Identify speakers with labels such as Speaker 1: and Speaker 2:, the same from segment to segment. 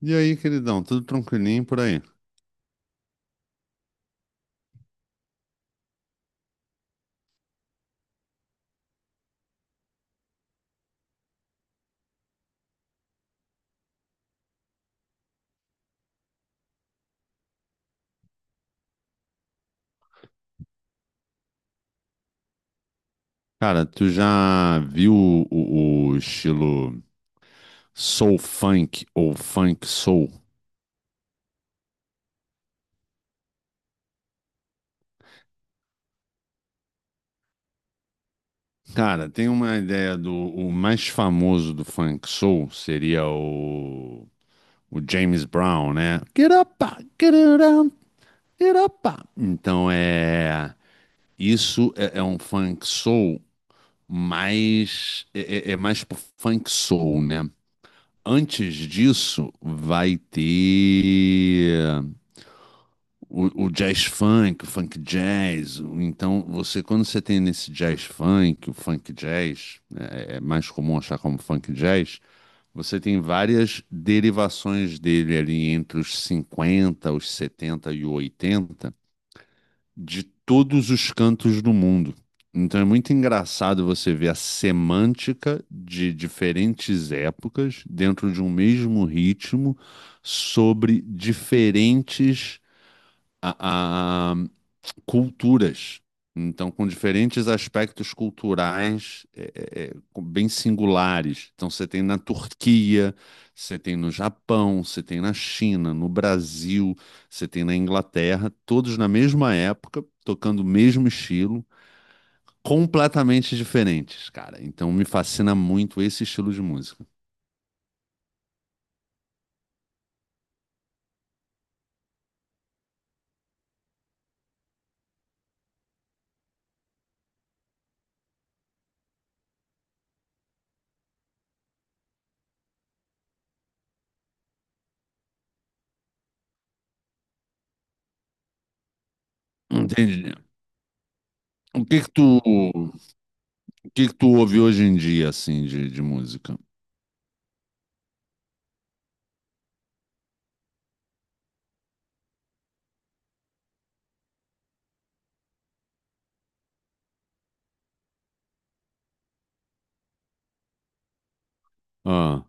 Speaker 1: E aí, queridão, tudo tranquilinho por aí? Cara, tu já viu o estilo soul funk ou funk soul? Cara, tem uma ideia do o mais famoso do funk soul seria o James Brown, né? Get up, get it up, get up. Então é isso. É um funk soul, mais é mais pro funk soul, né? Antes disso, vai ter o jazz funk, o funk jazz. Então, você quando você tem nesse jazz funk, o funk jazz, é mais comum achar como funk jazz. Você tem várias derivações dele ali entre os 50, os 70 e o 80, de todos os cantos do mundo. Então é muito engraçado você ver a semântica de diferentes épocas dentro de um mesmo ritmo sobre diferentes a, a- culturas. Então, com diferentes aspectos culturais bem singulares. Então, você tem na Turquia, você tem no Japão, você tem na China, no Brasil, você tem na Inglaterra, todos na mesma época, tocando o mesmo estilo, completamente diferentes, cara. Então, me fascina muito esse estilo de música. Entendi. O que que tu, o que que tu ouve hoje em dia, assim, de música? Ah,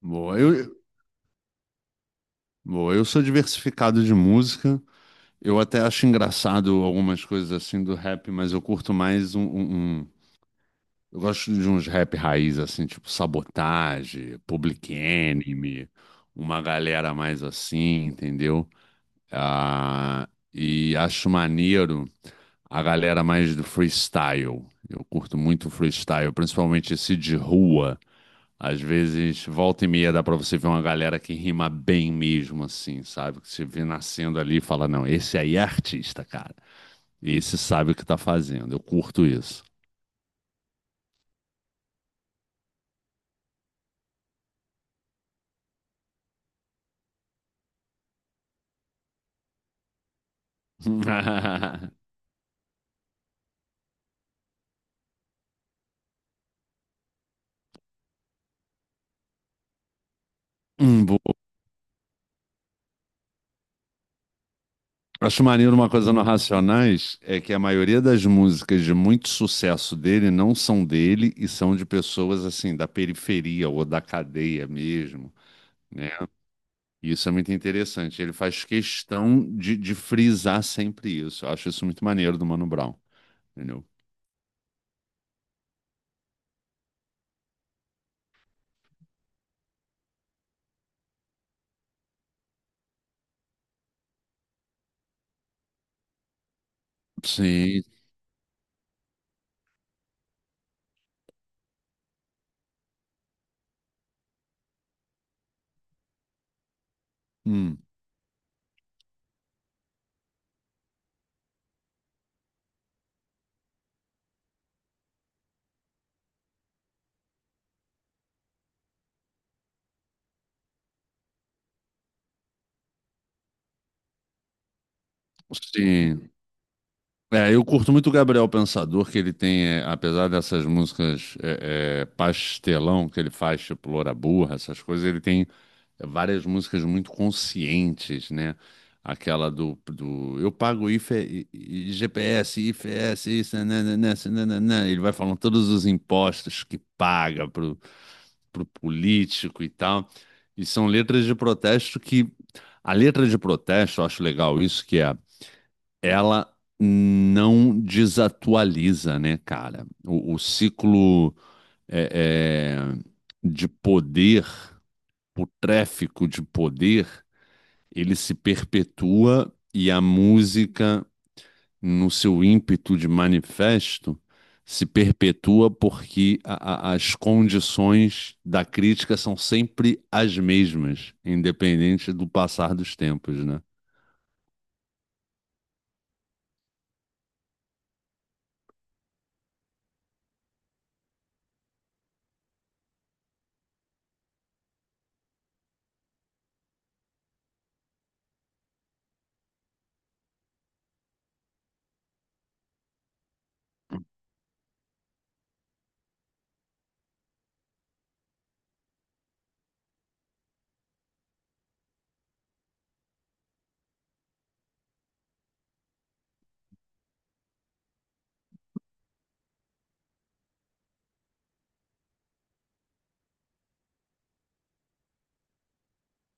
Speaker 1: boa. Boa, eu sou diversificado de música. Eu até acho engraçado algumas coisas assim do rap, mas eu curto mais. Eu gosto de uns rap raiz, assim, tipo Sabotage, Public Enemy, uma galera mais assim, entendeu? Ah, e acho maneiro a galera mais do freestyle. Eu curto muito freestyle, principalmente esse de rua. Às vezes, volta e meia, dá pra você ver uma galera que rima bem mesmo, assim, sabe? Que você vê nascendo ali e fala, não, esse aí é artista, cara. Esse sabe o que tá fazendo. Eu curto isso. Boa. Acho maneiro uma coisa no Racionais: é que a maioria das músicas de muito sucesso dele não são dele e são de pessoas assim da periferia ou da cadeia mesmo, né? Isso é muito interessante. Ele faz questão de frisar sempre isso. Eu acho isso muito maneiro do Mano Brown. Entendeu? Sim. Hum, sim. É, eu curto muito o Gabriel Pensador, que ele tem, apesar dessas músicas pastelão que ele faz, tipo Loura Burra, essas coisas, ele tem várias músicas muito conscientes, né? Aquela do eu pago IFE, G P S, GPS, IFS, isso, né nananã. Ele vai falando todos os impostos que paga pro político e tal. E são letras de protesto que. A letra de protesto, eu acho legal isso, que é ela não desatualiza, né, cara? O ciclo é, é, de poder, o tráfico de poder, ele se perpetua, e a música, no seu ímpeto de manifesto, se perpetua porque as condições da crítica são sempre as mesmas, independente do passar dos tempos, né?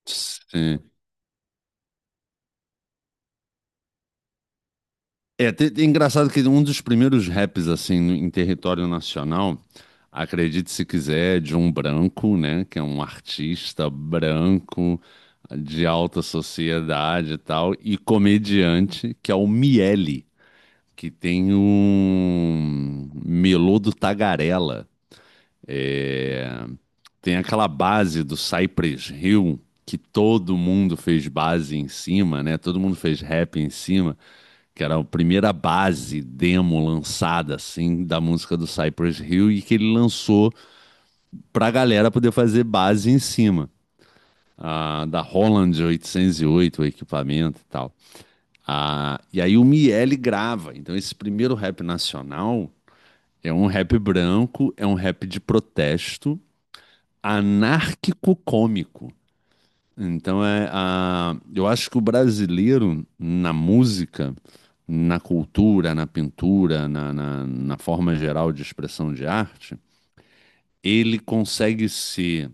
Speaker 1: Sim. É, engraçado que um dos primeiros raps, assim, em território nacional, acredite se quiser, de um branco, né, que é um artista branco, de alta sociedade e tal, e comediante, que é o Miele, que tem um melô do Tagarela. É. Tem aquela base do Cypress Hill, que todo mundo fez base em cima, né, todo mundo fez rap em cima, que era a primeira base demo lançada assim da música do Cypress Hill, e que ele lançou para a galera poder fazer base em cima, da Holland 808, o equipamento e tal. Ah, e aí o Miele grava. Então esse primeiro rap nacional é um rap branco, é um rap de protesto anárquico cômico. Então eu acho que o brasileiro, na música, na cultura, na pintura, na forma geral de expressão de arte, ele consegue ser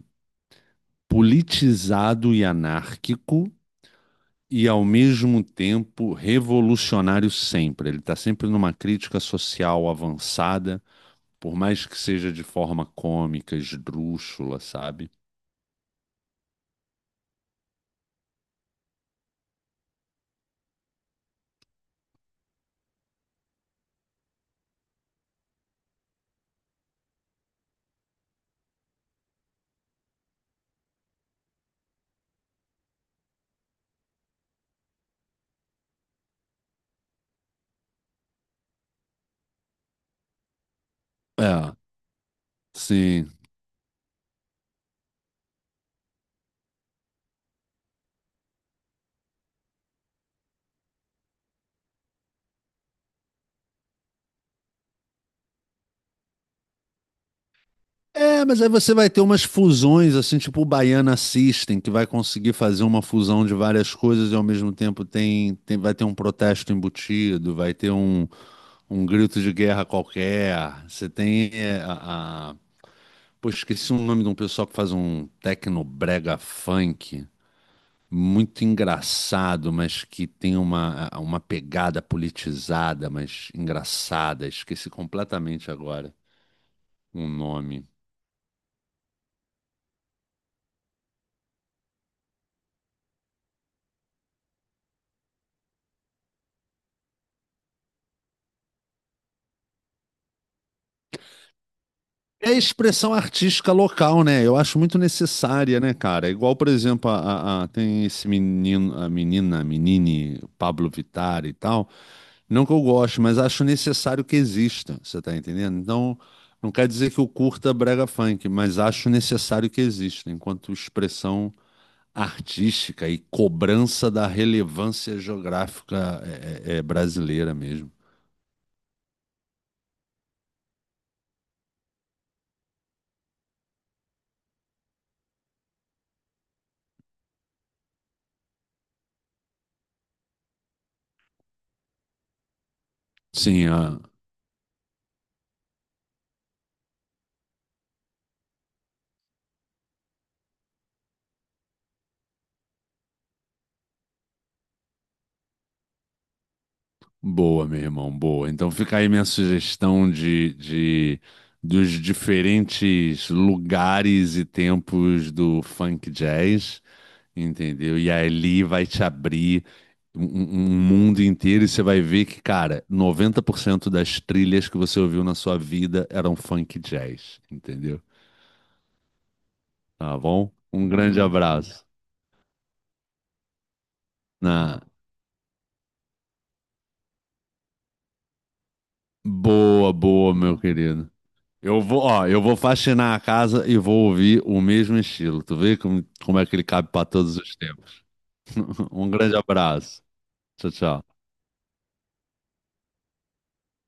Speaker 1: politizado e anárquico e ao mesmo tempo revolucionário sempre. Ele está sempre numa crítica social avançada, por mais que seja de forma cômica, esdrúxula, sabe? É, sim. É, mas aí você vai ter umas fusões, assim, tipo o Baiana System, que vai conseguir fazer uma fusão de várias coisas e ao mesmo tempo vai ter um protesto embutido, vai ter um grito de guerra qualquer. Você tem é, a- Pô, esqueci o nome de um pessoal que faz um tecnobrega funk, muito engraçado, mas que tem uma pegada politizada, mas engraçada. Esqueci completamente agora o nome. É a expressão artística local, né? Eu acho muito necessária, né, cara? É igual, por exemplo, tem esse menino, a menina, a menine, Pablo Vittar e tal. Não que eu goste, mas acho necessário que exista, você tá entendendo? Então, não quer dizer que eu curta brega funk, mas acho necessário que exista, enquanto expressão artística e cobrança da relevância geográfica é brasileira mesmo. Sim. Boa, meu irmão, boa. Então fica aí minha sugestão de dos diferentes lugares e tempos do funk jazz, entendeu? E ali vai te abrir um mundo inteiro, e você vai ver que, cara, 90% das trilhas que você ouviu na sua vida eram funk jazz, entendeu? Tá bom? Um grande abraço. Na boa, boa, meu querido. Eu vou, ó, eu vou faxinar a casa e vou ouvir o mesmo estilo. Tu vê como é que ele cabe para todos os tempos. Um grande abraço. Tchau, tchau.